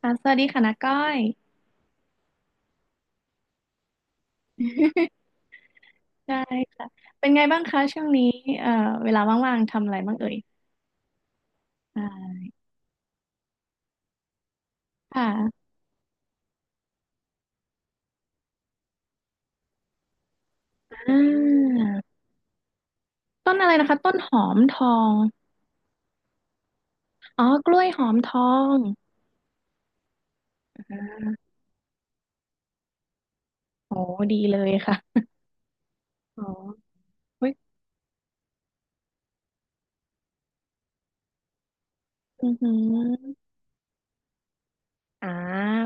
ค่ะสวัสดีค่ะนาก้อย ใช่ค่ะเป็นไงบ้างคะช่วงนี้เอ่อเวลาว่างๆทำอะไรบ้างเอ่ยอ่าค่ะอ่าต้นอะไรนะคะต้นหอมทองอ๋อกล้วยหอมทองอ่าโอ้ดีเลยค่ะอ๋อเฮ้ยอือหืออ่า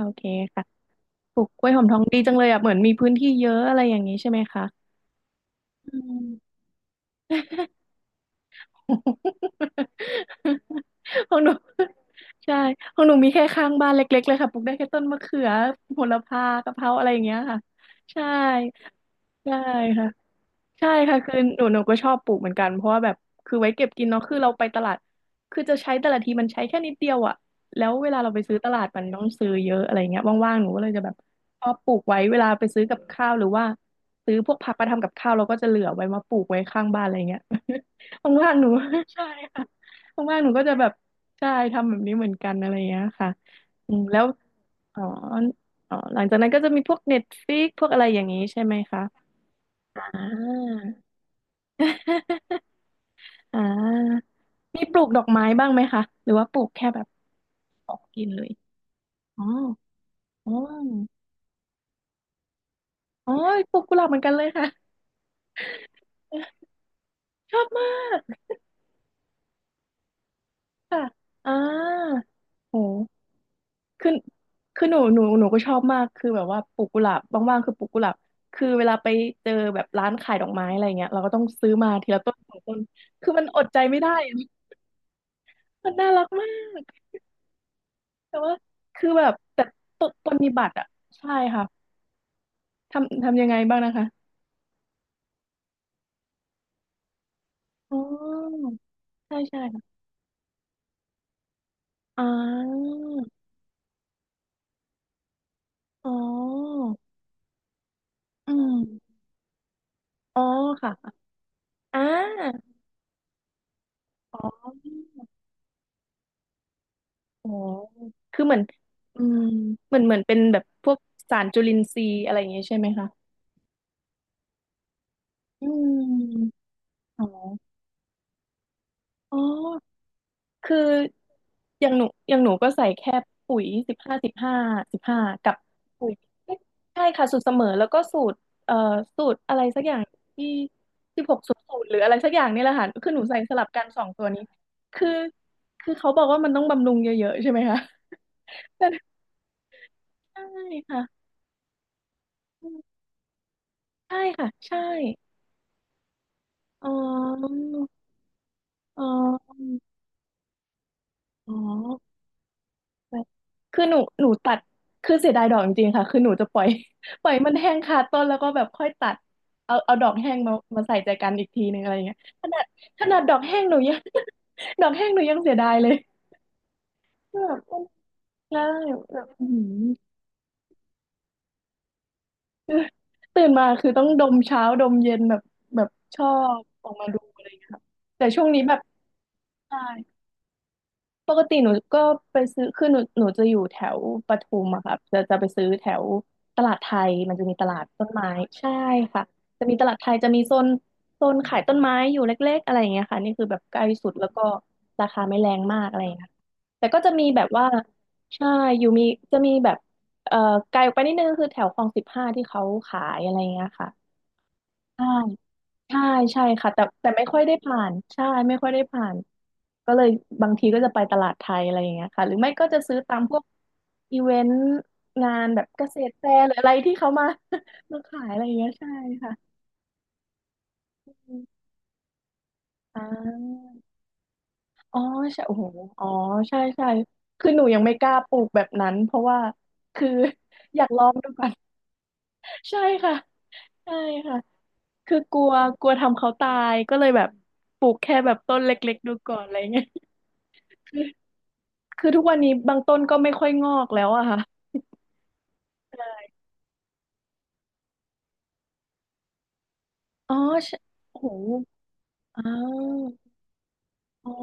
โอเคค่ะปลูกกล้วยหอมทองดีจังเลยอ่ะเหมือนมีพื้นที่เยอะอะไรอย่างนี้ใช่ไหมคะอืม ของหนูใช่ของหนูมีแค่ข้างบ้านเล็กๆเลยค่ะปลูกได้แค่ต้นมะเขือโหระพากะเพราอะไรอย่างเงี้ยค่ะใช่ใช่ค่ะ ใช่ค่ะคือหนูก็ชอบปลูกเหมือนกันเพราะว่าแบบคือไว้เก็บกินเนาะคือเราไปตลาดคือจะใช้แต่ละทีมันใช้แค่นิดเดียวอะแล้วเวลาเราไปซื้อตลาดมันต้องซื้อเยอะอะไรเงี้ยว่างๆหนูก็เลยจะแบบชอบปลูกไว้เวลาไปซื้อกับข้าวหรือว่าซื้อพวกผักมาทำกับข้าวเราก็จะเหลือไว้มาปลูกไว้ข้างบ้านอะไรเงี้ย ว่างๆหนู ใช่ค่ะว่างๆหนูก็จะแบบใช่ทำแบบนี้เหมือนกันอะไรเงี้ยค่ะอืมแล้วอ๋ออ๋อหลังจากนั้นก็จะมีพวก Netflix พวกอะไรอย่างนี้ใช่ไหมคะอ่า อ่ามีปลูกดอกไม้บ้างไหมคะหรือว่าปลูกแค่แบบออกกินเลยอ๋ออ๋ออ๋อปลูกกุหลาบเหมือนกันเลยค่ะ ชอบมากค่ะอ่าโหคือคือหนูก็ชอบมาก คือแบบว่าปลูกกุหลาบว่างๆคือปลูกกุหลาบคือเวลาไปเจอแบบร้านขายดอกไม้อะไรเงี้ยเราก็ต้องซื้อมาทีละต้นสองต้นคือมันอดใจไม่ได้อะมันน่ารักมากแต่ว่าคือแบบแต่ต้นมีบัตรอ่ะใช่ค่ะทำยังไงบ้างนะคะ อ๋อใช่ใช่ค่ะอ่าอ๋ออืมอ๋อค่ะอ่าอ๋ออ๋อคือเหมือนอืมเหมือนเป็นแบบพวกสารจุลินทรีย์อะไรอย่างเงี้ยใช่ไหมคะอืมอ๋ออ๋อ คืออย่างหนูก็ใส่แค่ปุ๋ย15-15-15กับปุ๋ยใช่ค่ะสูตรเสมอแล้วก็สูตรเอ่อสูตรอะไรสักอย่างที่16สูดสูดหรืออะไรสักอย่างนี่แหละค่ะคือหนูใส่สลับกันสองตัวนี้คือเขาบอกว่ามันต้องบำรุงเยอะๆใช่ไหมคะแต่ใช่ค่ะใช่ค่ะใช่อ๋ออ๋ออ๋อ คือหนูตัดคือเสียดายดอกจริงๆค่ะคือหนูจะปล่อย ปล่อยมันแห้งคาต้นแล้วก็แบบค่อยตัดเอาเอาดอกแห้งมาใส่ใจกันอีกทีนึงอะไรอย่างเงี้ยขนาดดอกแห้งหนูยัง ดอกแห้งหนูยังเสียดายเลยแบบมันได้แบบอื้อหือคือตื่นมาคือต้องดมเช้าดมเย็นแบบแบบชอบออกมาดูอะไรอย่างเงี้ยค่ะแต่ช่วงนี้แบบใช่ ปกติหนูก็ไปซื้อคือหนูจะอยู่แถวปทุมอะค่ะจะไปซื้อแถวตลาดไทยมันจะมีตลาดต้นไม้ใช่ค่ะจะมีตลาดไทยจะมีโซนโซนขายต้นไม้อยู่เล็กๆอะไรอย่างเงี้ยค่ะนี่คือแบบใกล้สุดแล้วก็ราคาไม่แรงมากอะไรอย่างเงี้ยค่ะแต่ก็จะมีแบบว่าใช่อยู่มีจะมีแบบเอ่อไกลออกไปนิดนึงคือแถวคลองสิบห้าที่เขาขายอะไรอย่างเงี้ยค่ะใช่ ใช่ใช่ค่ะแต่ไม่ค่อยได้ผ่านใช่ไม่ค่อยได้ผ่านก็เลยบางทีก็จะไปตลาดไทยอะไรอย่างเงี้ยค่ะหรือไม่ก็จะซื้อตามพวกอีเวนต์งานแบบเกษตรแฟร์หรืออะไรที่เขามา มาขายอะไรอย่างเงี้ยใช่ค่ะอืมอ่าอ๋อใช่โอ้โหอ๋อใช่ใช่คือหนูยังไม่กล้าปลูกแบบนั้นเพราะว่าคือ อยากลองดูก่อนใช่ค่ะใช่ค่ะคือกลัวกลัวทำเขาตายก็เลยแบบปลูกแค่แบบต้นเล็กๆดูก่อนอะไรเงี้ย คือทุกวันนี้บางต้นก็ไม่ค่อยงอกแล้วอะค่ะใช่อ๋อใช่โอ้โหอ้าวอ๋อ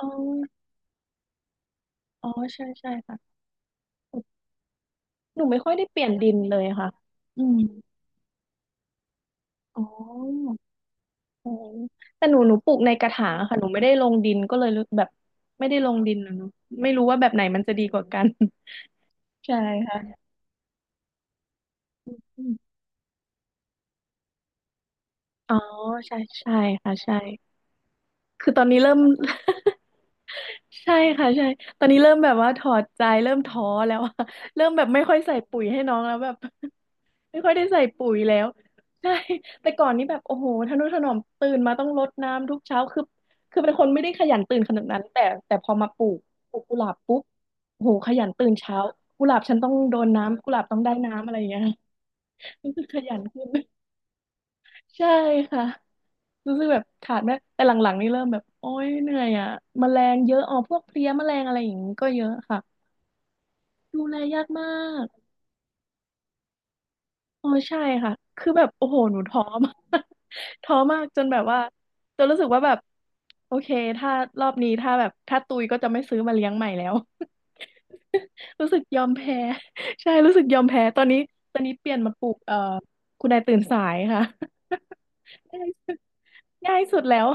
อ๋ออ๋อใช่ใช่ค่ะหนูไม่ค่อยได้เปลี่ยนดินเลยค่ะอืมอ๋อโอ้แต่หนูปลูกในกระถางอะค่ะ หนูไม่ได้ลงดินก็เลยรู้แบบไม่ได้ลงดินอะเนอะไม่รู้ว่าแบบไหนมันจะดีกว่ากัน ใช่ค่ะอ๋อใช่ใช่ค่ะใช่คือตอนนี้เริ่ม ใช่ค่ะใช่ตอนนี้เริ่มแบบว่าถอดใจเริ่มท้อแล้ว อะเริ่มแบบไม่ค่อยใส่ปุ๋ยให้น้องแล้วแบบ ไม่ค่อยได้ใส่ปุ๋ยแล้วใช่แต่ก่อนนี้แบบโอ้โหทะนุถนอมตื่นมาต้องรดน้ำทุกเช้าคือเป็นคนไม่ได้ขยันตื่นขนาดนั้นแต่พอมาปลูกปลูกกุหลาบปุ๊บโอ้โหขยันตื่นเช้ากุหลาบฉันต้องโดนน้ำกุหลาบต้องได้น้ำอะไรอย่างเงี้ย รู้สึกขยันขึ้น ใช่ค่ะ รู้สึกแบบขาดไม่แต่หลังๆนี่เริ่มแบบโอ๊ยเหนื่อยอ่ะแมลงเยอะอ๋อพวกเพลี้ยแมลงอะไรอย่างนี้ก็เยอะค่ะดูแลยากมากอ๋อใช่ค่ะคือแบบโอ้โหหนูท้อมาก ท้อมากจนแบบว่าจนรู้สึกว่าแบบโอเคถ้ารอบนี้ถ้าแบบถ้าตุยก็จะไม่ซื้อมาเลี้ยงใหม่แล้ว รู้สึกยอมแพ้ ใช่รู้สึกยอมแพ้ตอนนี้ตอนนี้เปลี่ยนมาปลูกคุณนายตื่นสายค่ะ ง่ายสุดง่ายสุดแล้ว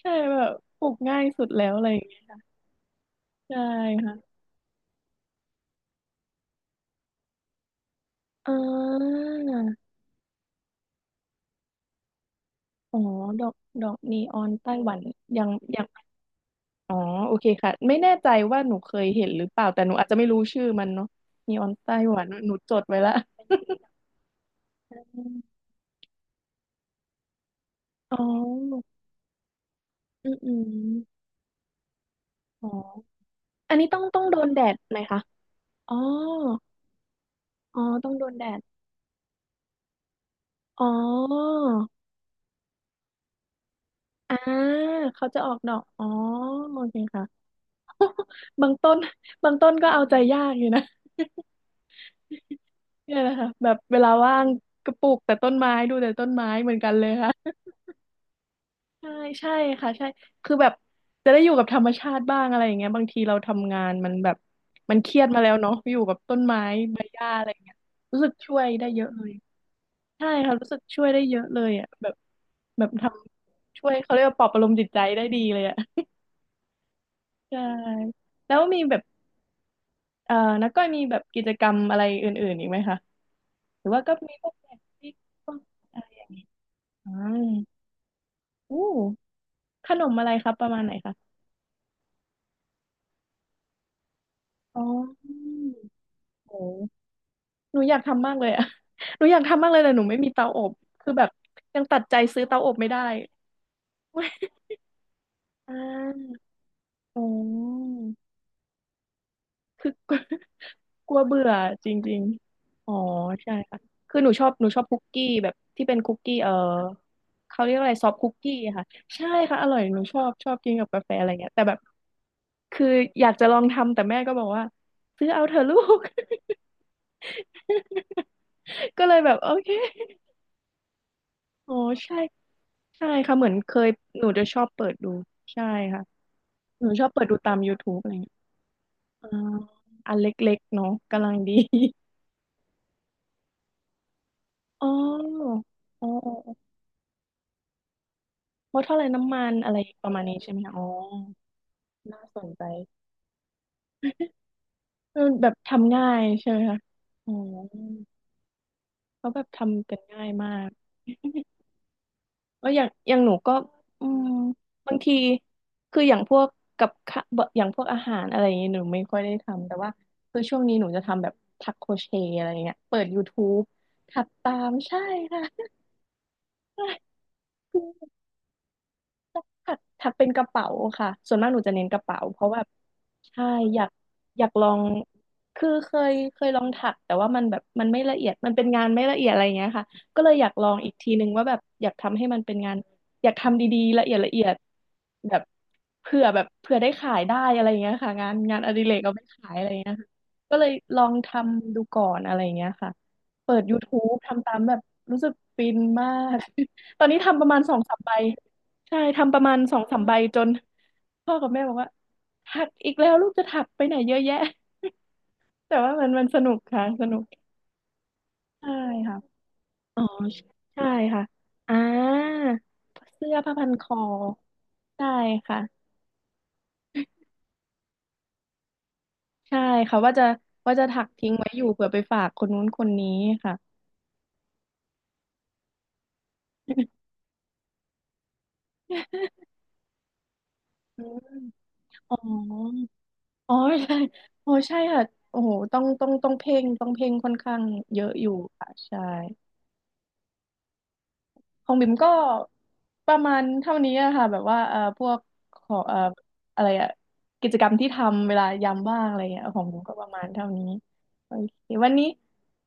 ใช่แบบปลูกง่ายสุดแล้วอะไรอย่างเงี้ยใช่ค่ะอ่าอ๋อดอกดอกนีออนไต้หวันยังยังอ๋อโอเคค่ะไม่แน่ใจว่าหนูเคยเห็นหรือเปล่าแต่หนูอาจจะไม่รู้ชื่อมันเนาะนีออนไต้หวันหนูจดไว้ละอ๋ออืมอืมอ๋ออันนี้ต้องโดนแดดไหมคะอ๋ออ๋อต้องโดนแดดอ๋ออ่าเขาจะออกดอกอ๋อโอเคค่ะบางต้นบางต้นก็เอาใจยากอยู่นะ เนี่ยนะคะแบบเวลาว่างก็ปลูกแต่ต้นไม้ดูแต่ต้นไม้เหมือนกันเลยค่ะใช่ใช่ค่ะใช่คือแบบจะได้อยู่กับธรรมชาติบ้างอะไรอย่างเงี้ยบางทีเราทำงานมันแบบมันเครียดมาแล้วเนาะอยู่กับต้นไม้ใบหญ้าอะไรอย่างเงี้ยรู้สึกช่วยได้เยอะเลยใช่ค่ะรู้สึกช่วยได้เยอะเลยอ่ะแบบแบบทำช่วยเขาเรียกว่าปลอบประโลมจิตใจได้ดีเลยอ่ะ ใช่แล้วมีแบบเอ่อนักก้อยมีแบบกิจกรรมอะไรอื่นๆอีกไหมคะหรือว่าก็มีพวกแบบที่ป้องอะไรอย่างเงี้ยอ่าอู้ ขนมอะไรครับประมาณไหนคะอ๋อโหหนูอยากทำมากเลยอะ หนูอยากทำมากเลยแต่หนูไม่มีเตาอบ คือแบบยังตัดใจซื้อเตาอบไม่ได้ อ่าโอ้ คือกลัวกลัวเบื่อจริงๆอ๋อใช่ค่ะคือหนูชอบคุกกี้แบบที่เป็นคุกกี้เออเขาเรียกว่าอะไรซอฟคุกกี้ค่ะใช่ค่ะอร่อยหนูชอบชอบกินกับกาแฟอะไรเงี้ยแต่แบบคืออยากจะลองทำแต่แม่ก็บอกว่าซื้อเอาเถอะลูก ก็เลยแบบโอเคอ๋อใช่ใช่ค่ะเหมือนเคยหนูจะชอบเปิดดูใช่ค่ะหนูชอบเปิดดูตาม YouTube อะไรเงี้ยอ่าอันเล็กๆเนาะกำลังดี อ๋ออ๋ออ๋ออ๋อลดเท่าไหร่น้ำมันอะไรประมาณนี้ใช่ไหมคะอ๋อน่าสนใจเออแบบทำง่ายใช่ไหมคะอ๋อเขาแบบทำกันง่ายมาก แล้วอย่างอย่างหนูก็อืมบางที คืออย่างพวกกับข้าบะอย่างพวกอาหารอะไรอย่างเงี้ยหนูไม่ค่อยได้ทำ แต่ว่าคือช่วงนี้หนูจะทำแบบทักโครเชต์อะไรอย่างเงี้ยเปิด YouTube ถัดตามใช่ค่ะ ถักถักเป็นกระเป๋าค่ะ ส่วนมากหนูจะเน้นกระเป๋าเพราะว่าใช่อยากอยากลองคือเคยลองถักแต่ว่ามันแบบมันไม่ละเอียดมันเป็นงานไม่ละเอียดอะไรอยงเงี้ยค่ะก็เลยอยากลองอีกทีนึงว่าแบบอยากทำให้มันเป็นงานอยากทำดีๆละเอียดละเอียดแบบเผื่อได้ขายได้อะไรอย่างเงี้ยค่ะงานงานอดิเรกเอาไปขายอะไราเงี้ยค่ะก็เลยลองทำดูก่อนอะไรอย่งเงี้ยค่ะเปิดยู u ู u b ทำตามแบบรู้สึกฟินมาก ตอนนี้ทำประมาณสองสามใบ ใช่ทำประมาณสองสามใบจนพ่อกับแม่บอกว่าถักอีกแล้วลูกจะถักไปไหนเยอะแยะ แต่ว่ามันมันสนุกค่ะสนุกใช่ค่ะอ๋อใช่ค่ะอ่าเสื้อผ้าพันคอใช่ค่ะใช่ค่ะว่าจะถักทิ้งไว้อยู่เผื่อไปฝากคนนู้นคนนี้ค่ะอืมอ๋ออ๋อใช่อ๋อใช่ค่ะโอ้โหต้องเพ่งต้องเพ่งค่อนข้างเยอะอยู่ค่ะใช่ ของบิ่มก็ประมาณเท่านี้อะค่ะแบบว่าพวกของอะไรอะกิจกรรมที่ทำเวลายามว่างอะไรเงี้ยของบิ่มก็ประมาณเท่านี้โอเควันนี้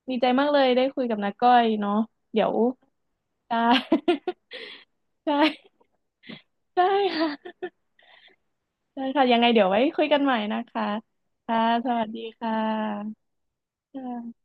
ดีใจมากเลยได้คุยกับน้าก้อยเนาะเดี๋ยวได้ ได้ได้ค่ะได้ค่ะยังไงเดี๋ยวไว้คุยกันใหม่นะคะค่ะสวัสดีค่ะค่ะ